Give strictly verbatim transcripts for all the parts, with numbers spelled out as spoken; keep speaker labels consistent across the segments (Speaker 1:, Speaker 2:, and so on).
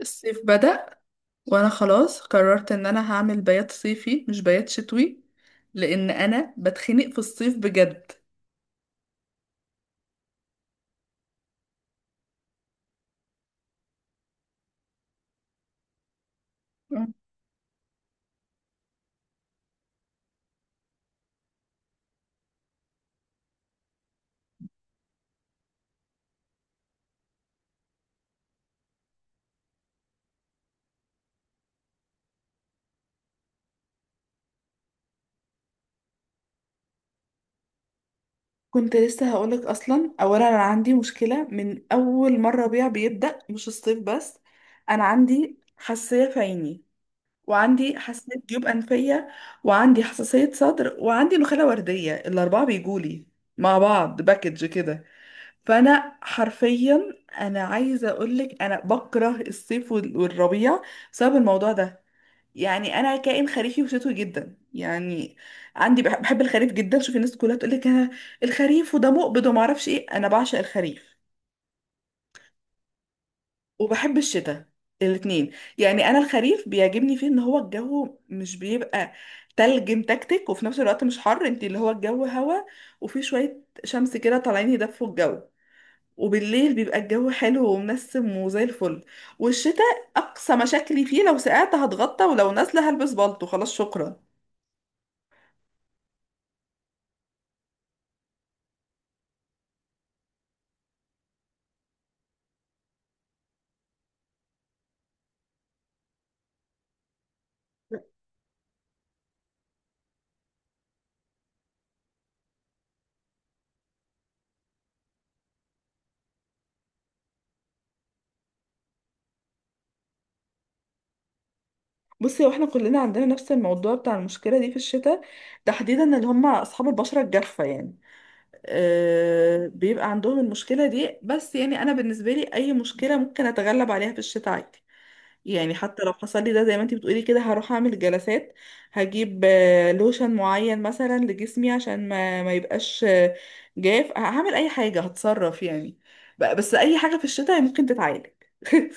Speaker 1: الصيف بدأ، وانا خلاص قررت ان انا هعمل بيات صيفي مش بيات شتوي، لان انا بتخنق في الصيف بجد. مم. كنت لسه هقولك. اصلا اولا انا عندي مشكله من اول مره ربيع بيبدا، مش الصيف بس. انا عندي حساسيه في عيني، وعندي حساسيه جيوب انفيه، وعندي حساسيه صدر، وعندي نخاله ورديه. الاربعه بيجولي مع بعض باكج كده. فانا حرفيا، انا عايزه اقولك انا بكره الصيف وال- والربيع بسبب الموضوع ده. يعني انا كائن خريفي وشتوي جدا، يعني عندي بح- بحب الخريف جدا. شوفي الناس كلها تقولك انا الخريف وده مقبض وما اعرفش ايه، انا بعشق الخريف وبحب الشتاء الاتنين. يعني انا الخريف بيعجبني فيه ان هو الجو مش بيبقى تلج متكتك، وفي نفس الوقت مش حر، انت اللي هو الجو هوا، وفي شويه شمس كده طالعين يدفوا الجو، وبالليل بيبقى الجو حلو ومنسم وزي الفل. والشتاء اقصى مشاكلي فيه، لو سقعت هتغطى، ولو نازله هلبس بالطو، خلاص شكرا. بصي، واحنا كلنا عندنا نفس الموضوع بتاع المشكله دي في الشتاء، تحديدا اللي هم اصحاب البشره الجافه يعني. أه، بيبقى عندهم المشكله دي. بس يعني انا بالنسبه لي اي مشكله ممكن اتغلب عليها في الشتاء عادي. يعني حتى لو حصل لي ده زي ما انتي بتقولي كده، هروح اعمل جلسات. هجيب آه، لوشن معين مثلا لجسمي عشان ما ما يبقاش آه، جاف. هعمل اي حاجة، هتصرف يعني. بقى- بس اي حاجة في الشتاء ممكن تتعالج.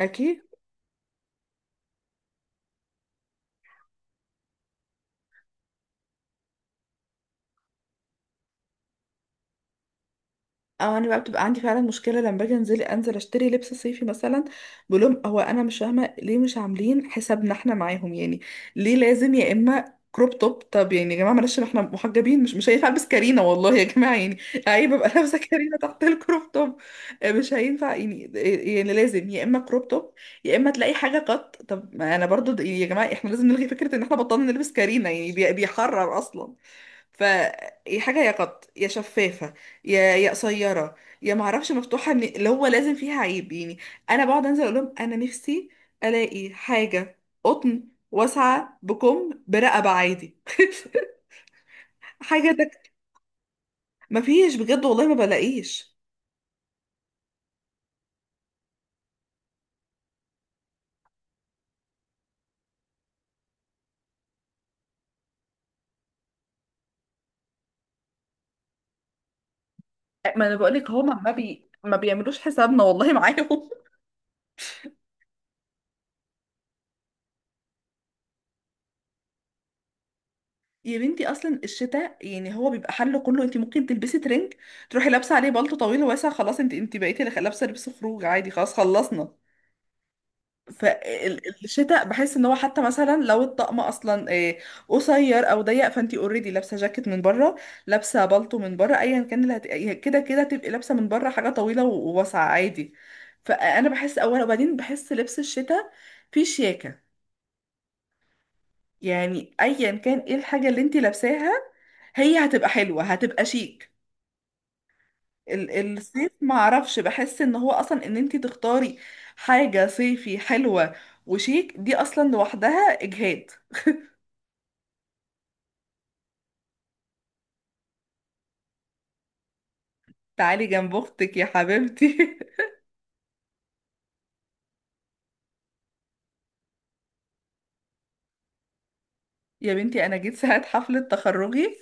Speaker 1: اكيد. او انا بقى بتبقى عندي فعلا مشكله لما باجي انزل انزل اشتري لبس صيفي مثلا. بقول لهم هو انا مش فاهمه ليه مش عاملين حسابنا احنا معاهم يعني؟ ليه لازم يا اما كروب توب؟ طب يعني يا جماعه، معلش احنا محجبين، مش مش هينفع البس كارينا، والله يا جماعه، يعني عيب ابقى لابسه كارينا تحت الكروب توب. آه، مش هينفع يعني. آه، يعني لازم يا اما كروب توب، يا اما تلاقي حاجه قط. طب ما انا برضو د- يعني يا جماعه، احنا لازم نلغي فكره ان احنا بطلنا نلبس كارينا، يعني بي- بيحرر اصلا. فيا حاجة يا قط يا شفافة، يا يا قصيرة، يا معرفش مفتوحة من اللي هو لازم فيها عيب يعني. أنا بقعد أنزل أقول لهم أنا نفسي ألاقي حاجة قطن واسعة بكم برقبة عادي. حاجة تك... مفيش بجد والله ما بلاقيش. ما انا بقولك هما ما بي ما بيعملوش حسابنا والله معاهم. يا بنتي، اصلا الشتاء يعني هو بيبقى حله كله. انت ممكن تلبسي ترنج، تروحي لابسه عليه بلطو طويل واسع، خلاص انت انت بقيتي لابسه لبس خروج عادي، خلاص خلصنا. فالشتاء بحس ان هو حتى مثلا لو الطقم اصلا آه، قصير او ضيق، فانتي اوريدي لابسه جاكيت من بره، لابسه بالطو من بره، ايا كان اللي هت... كده كده تبقي لابسه من بره حاجه طويله و- وواسعه عادي. فانا بحس اولا، وبعدين بحس لبس الشتاء فيه شياكه. يعني ايا كان ايه الحاجه اللي انتي لابساها هي هتبقى حلوه، هتبقى شيك. ال- الصيف معرفش، بحس ان هو اصلا ان انتي تختاري حاجه صيفي حلوه وشيك دي اصلا لوحدها اجهاد. تعالي جنب اختك يا حبيبتي. يا بنتي، انا جيت ساعة حفلة تخرجي،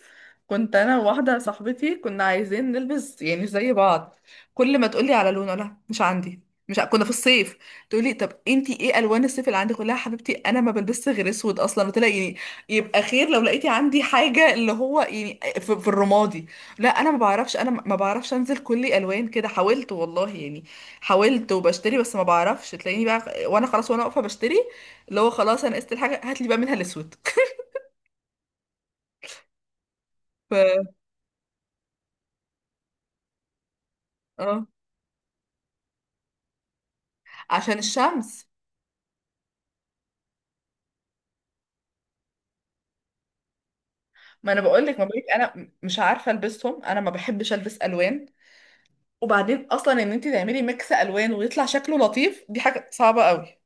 Speaker 1: كنت انا وواحدة صاحبتي كنا عايزين نلبس يعني زي بعض. كل ما تقولي على لون، لا مش عندي. مش ع- كنا في الصيف. تقولي طب انتي ايه الوان الصيف اللي عندك؟ قلت لها حبيبتي انا ما بلبسش غير اسود اصلا، قلت لها يعني يبقى خير لو لقيتي عندي حاجه اللي هو يعني في, في الرمادي. لا انا ما بعرفش، انا ما بعرفش انزل كل الوان كده. حاولت والله يعني، حاولت وبشتري، بس ما بعرفش، تلاقيني بقى وانا خلاص وانا واقفه بشتري اللي هو خلاص انا قست الحاجه، هات لي بقى منها الاسود. ف... اه، عشان الشمس. ما انا بقول لك، ما بقولك انا م- مش عارفه البسهم، انا ما بحبش البس الوان. وبعدين اصلا ان انت تعملي ميكس الوان ويطلع شكله لطيف دي حاجه صعبه قوي.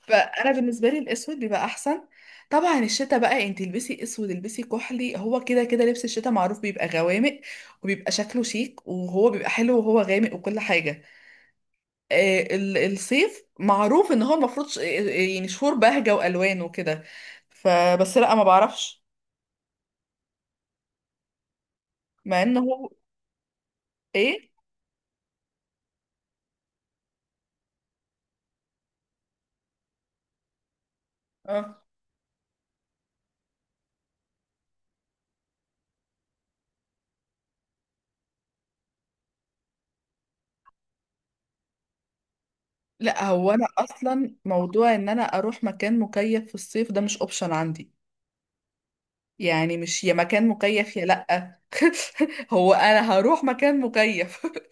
Speaker 1: فانا بالنسبه لي الاسود بيبقى احسن. طبعا الشتا بقى انت البسي اسود، البسي كحلي، هو كده كده لبس الشتا معروف بيبقى غوامق، وبيبقى شكله شيك، وهو بيبقى حلو وهو غامق وكل حاجه. آه، ال- الصيف معروف ان هو المفروض ش- يعني شهور بهجه والوان وكده. فبس لا، ما بعرفش مع ان هو ايه. اه. لا، هو انا اصلا موضوع ان انا اروح مكان مكيف في الصيف ده مش اوبشن عندي. يعني مش يا مكان مكيف يا لا. هو انا هروح مكان مكيف؟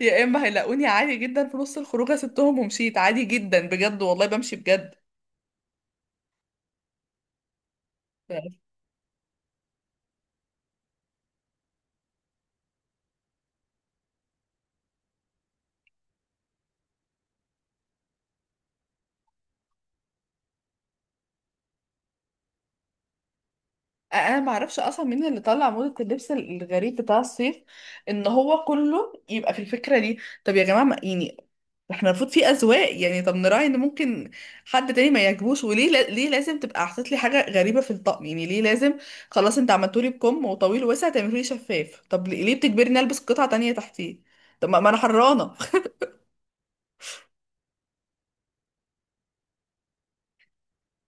Speaker 1: يا اما هيلاقوني عادي جدا في نص الخروجه سبتهم ومشيت عادي جدا، بجد والله بمشي بجد. انا ما اعرفش اصلا مين اللي طلع موضة اللبس الغريب بتاع الصيف، ان هو كله يبقى في الفكرة دي. طب يا جماعة، ما يعني احنا المفروض في اذواق يعني، طب نراعي ان ممكن حد تاني ما يعجبوش. وليه لا- ليه لازم تبقى حاطط لي حاجة غريبة في الطقم، يعني ليه لازم؟ خلاص انت عملتولي بكم وطويل ووسع، تعملولي شفاف؟ طب ليه؟ ليه بتجبرني البس قطعة تانية تحتيه؟ طب ما ما انا حرانة.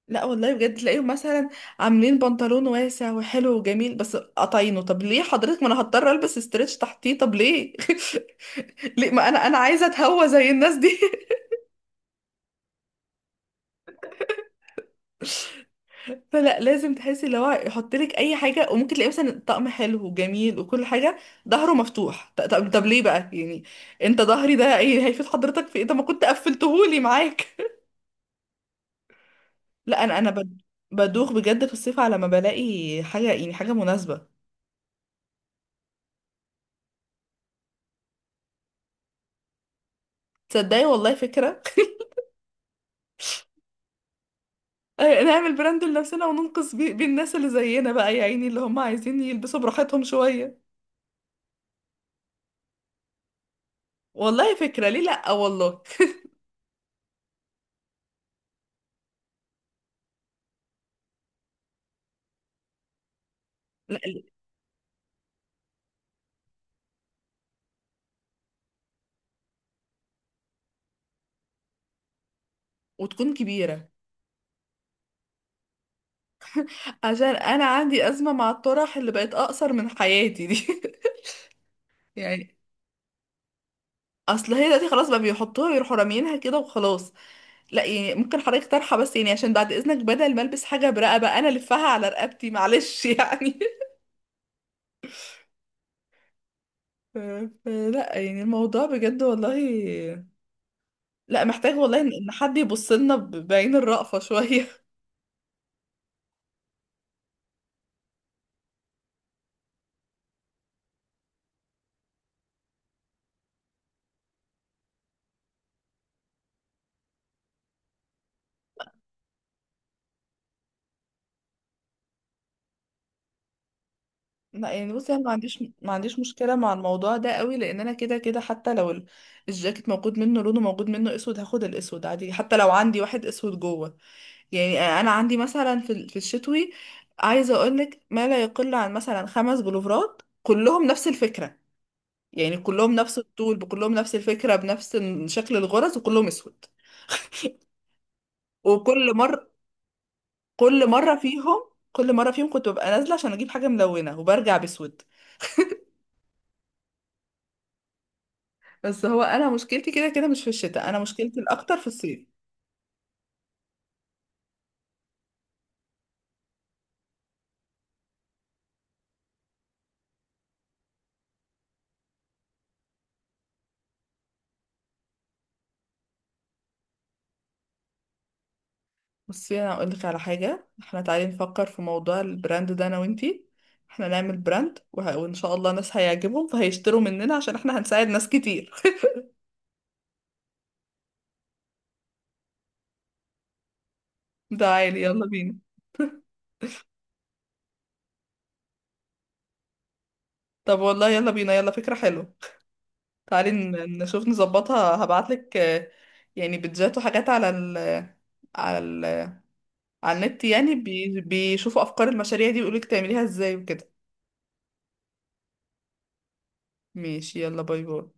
Speaker 1: لا والله بجد تلاقيهم مثلا عاملين بنطلون واسع وحلو وجميل بس قطعينه. طب ليه حضرتك؟ ما انا هضطر البس استريتش تحتيه، طب ليه؟ ليه؟ ما انا انا عايزه اتهوى زي الناس دي. فلا، لازم تحسي اللي هو يحط لك اي حاجه. وممكن تلاقي مثلا طقم حلو وجميل وكل حاجه ظهره مفتوح. ط- طب طب ليه بقى يعني؟ انت ظهري ده ايه هيفيد حضرتك في ايه؟ طب ما كنت قفلتهولي معاك. لا انا انا بد- بدوخ بجد في الصيف على ما بلاقي حاجه، يعني حاجه مناسبه. تصدقي والله فكره. آه، نعمل براند لنفسنا وننقذ بيه بيه الناس اللي زينا بقى، يا عيني اللي هم عايزين يلبسوا براحتهم شوية. والله فكرة، ليه لأ، والله. لا ليه؟ وتكون كبيرة عشان أنا عندي أزمة مع الطرح اللي بقت أقصر من حياتي دي. يعني أصل هي دلوقتي خلاص بقى بيحطوها ويروحوا راميينها كده وخلاص. لا يعني ممكن حضرتك طرحة بس يعني، عشان بعد إذنك بدل ما ألبس حاجة برقبة أنا ألفها على رقبتي، معلش يعني. ف- فلا يعني الموضوع بجد والله، لا محتاج والله ان إن حد يبص لنا ب- بعين الرأفة شوية. لا يعني بصي، انا ما عنديش ما عنديش مشكلة مع الموضوع ده قوي، لان انا كده كده حتى لو ال- الجاكيت موجود منه لونه، موجود منه اسود، هاخد الاسود عادي، حتى لو عندي واحد اسود جوه. يعني انا عندي مثلا في ال- في الشتوي، عايزة اقولك ما لا يقل عن مثلا خمس بلوفرات كلهم نفس الفكرة، يعني كلهم نفس الطول، بكلهم نفس الفكرة، بنفس شكل الغرز، وكلهم اسود. وكل مرة، كل مره فيهم كل مره فيهم كنت ببقى نازله عشان اجيب حاجه ملونه، وبرجع بسود. بس هو انا مشكلتي كده كده مش في الشتاء، انا مشكلتي الاكتر في الصيف. بصي انا اقول لك على حاجه، احنا تعالي نفكر في موضوع البراند ده انا وانتي. احنا نعمل براند وه... وان شاء الله ناس هيعجبهم فهيشتروا مننا، عشان احنا هنساعد ناس كتير. تعالي يلا بينا. طب والله يلا بينا، يلا فكره حلوه. تعالي ن- نشوف نظبطها، هبعتلك آه، يعني بيدجات وحاجات على ال على ال على النت، يعني بي... بيشوفوا افكار المشاريع دي ويقولك تعمليها ازاي وكده. ماشي، يلا باي باي.